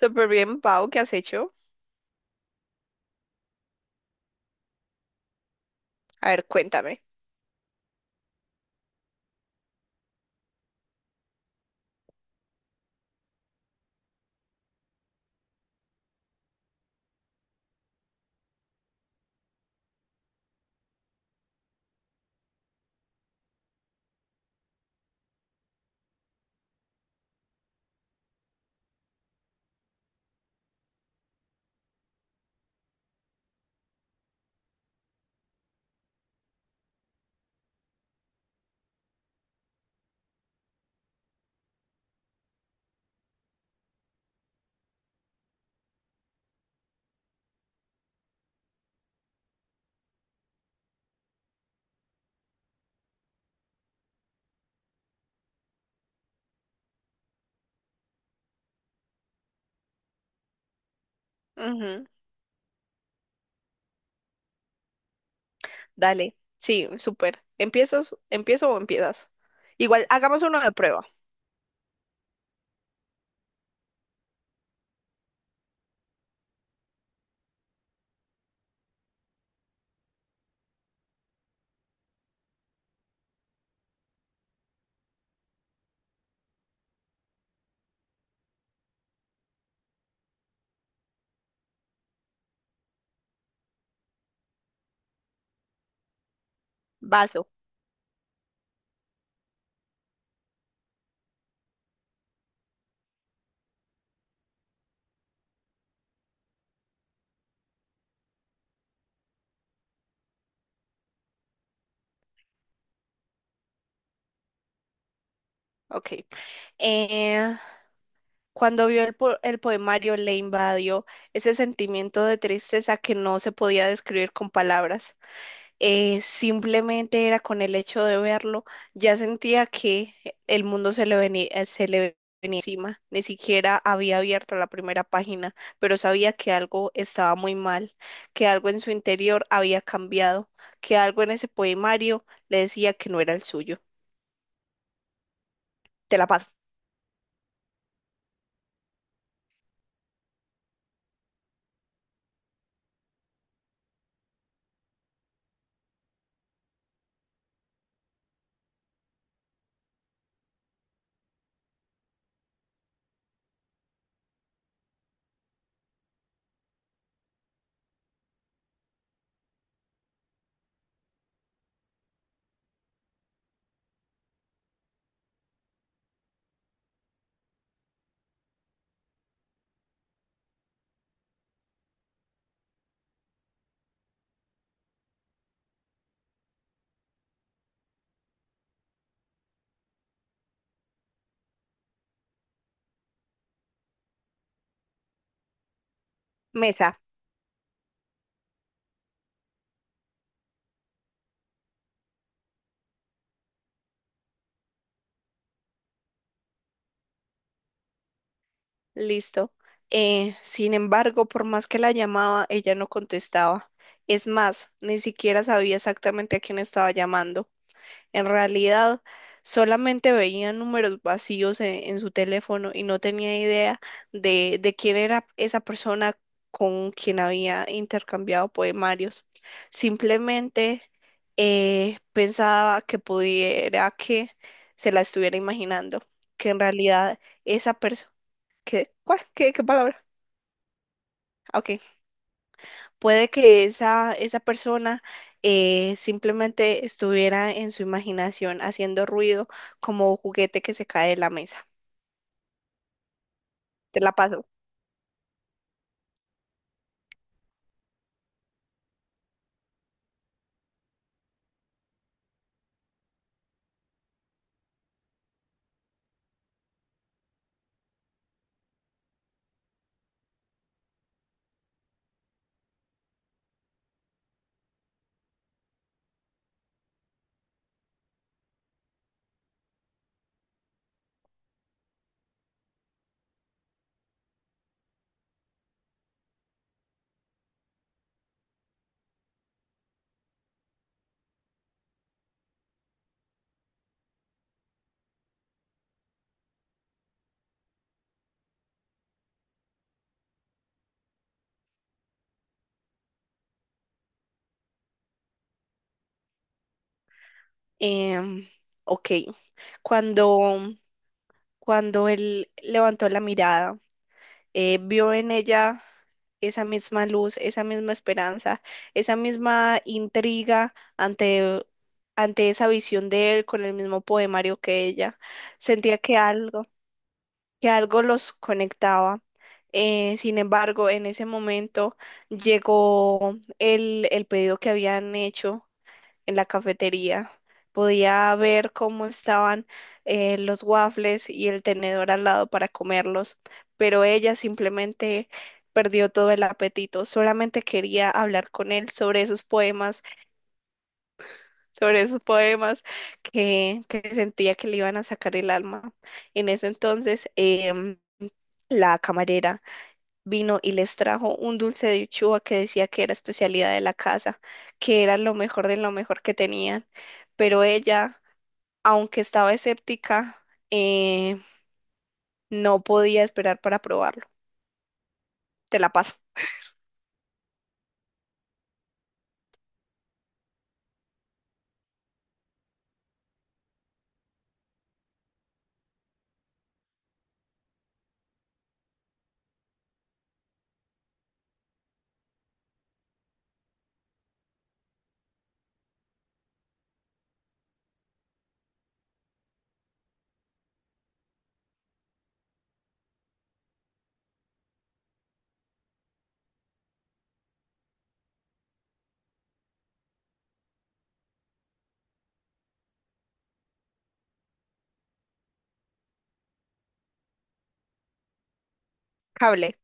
Súper bien, Pau, ¿qué has hecho? A ver, cuéntame. Ujú. Dale, sí, súper. ¿Empiezo, empiezo o empiezas? Igual, hagamos uno de prueba. Vaso. Ok. Eh, Cuando vio el poemario, le invadió ese sentimiento de tristeza que no se podía describir con palabras. Simplemente era con el hecho de verlo, ya sentía que el mundo se le venía encima. Ni siquiera había abierto la primera página, pero sabía que algo estaba muy mal, que algo en su interior había cambiado, que algo en ese poemario le decía que no era el suyo. Te la paso. Mesa, listo. Sin embargo, por más que la llamaba, ella no contestaba. Es más, ni siquiera sabía exactamente a quién estaba llamando. En realidad, solamente veía números vacíos en su teléfono y no tenía idea de quién era esa persona con quien había intercambiado poemarios. Simplemente pensaba que pudiera que se la estuviera imaginando, que en realidad esa persona... ¿Qué? ¿Cuál? Qué palabra? Ah, ok. Puede que esa persona simplemente estuviera en su imaginación haciendo ruido como juguete que se cae de la mesa. Te la paso. Em, ok. Cuando, cuando él levantó la mirada, vio en ella esa misma luz, esa misma esperanza, esa misma intriga ante esa visión de él con el mismo poemario que ella. Sentía que algo los conectaba. Sin embargo, en ese momento llegó el pedido que habían hecho en la cafetería. Podía ver cómo estaban los waffles y el tenedor al lado para comerlos, pero ella simplemente perdió todo el apetito. Solamente quería hablar con él sobre esos poemas, sobre esos poemas que sentía que le iban a sacar el alma. En ese entonces, la camarera vino y les trajo un dulce de uchuva que decía que era especialidad de la casa, que era lo mejor de lo mejor que tenían. Pero ella, aunque estaba escéptica, eh, no podía esperar para probarlo. Te la paso. Cable,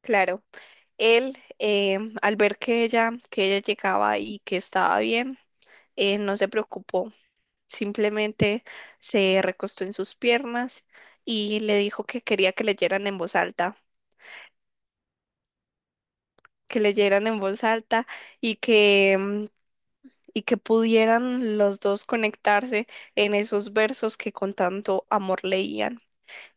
claro. Él, al ver que que ella llegaba y que estaba bien, no se preocupó. Simplemente se recostó en sus piernas y le dijo que quería que leyeran en voz alta, que leyeran en voz alta y que, y que pudieran los dos conectarse en esos versos que con tanto amor leían.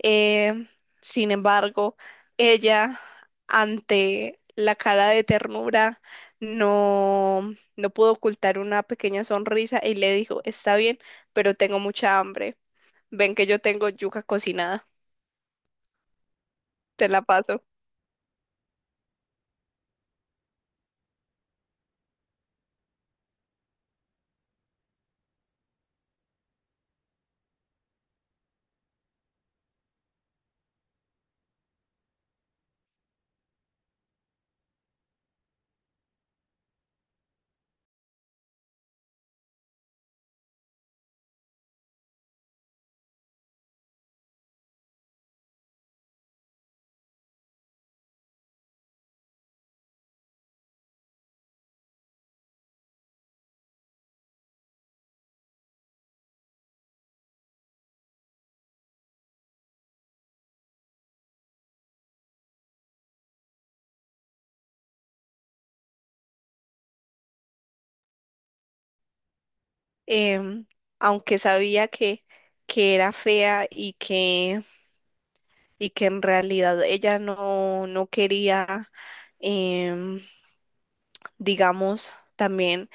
Eh, sin embargo, ella, ante la cara de ternura, no pudo ocultar una pequeña sonrisa y le dijo, está bien, pero tengo mucha hambre. Ven que yo tengo yuca cocinada, te la paso. Em, aunque sabía que era fea y que en realidad ella no, no quería, em, digamos, también,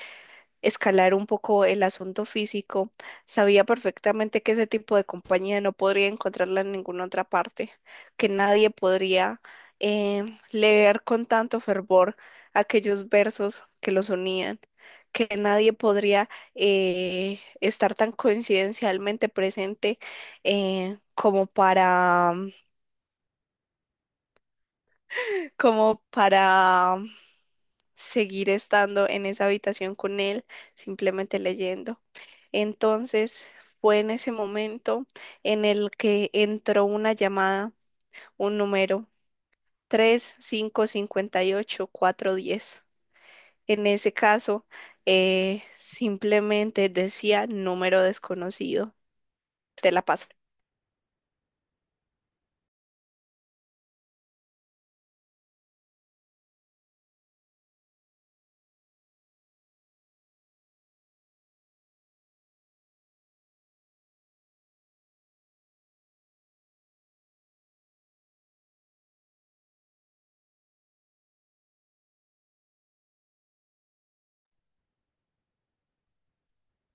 escalar un poco el asunto físico. Sabía perfectamente que ese tipo de compañía no podría encontrarla en ninguna otra parte, que nadie podría leer con tanto fervor aquellos versos que los unían, que nadie podría estar tan coincidencialmente presente como para, como para seguir estando en esa habitación con él, simplemente leyendo. Entonces fue en ese momento en el que entró una llamada, un número 3 5 58 4 10. En ese caso, simplemente decía número desconocido, te la paso.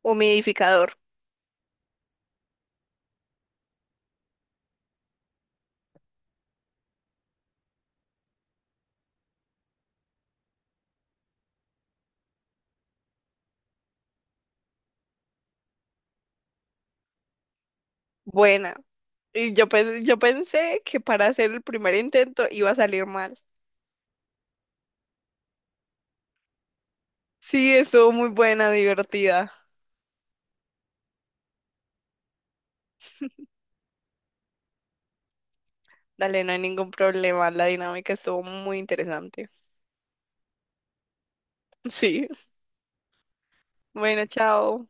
Humidificador, buena. Y yo, yo pensé que para hacer el primer intento iba a salir mal. Sí, estuvo muy buena, divertida. Dale, no hay ningún problema. La dinámica estuvo muy interesante. Sí. Bueno, chao.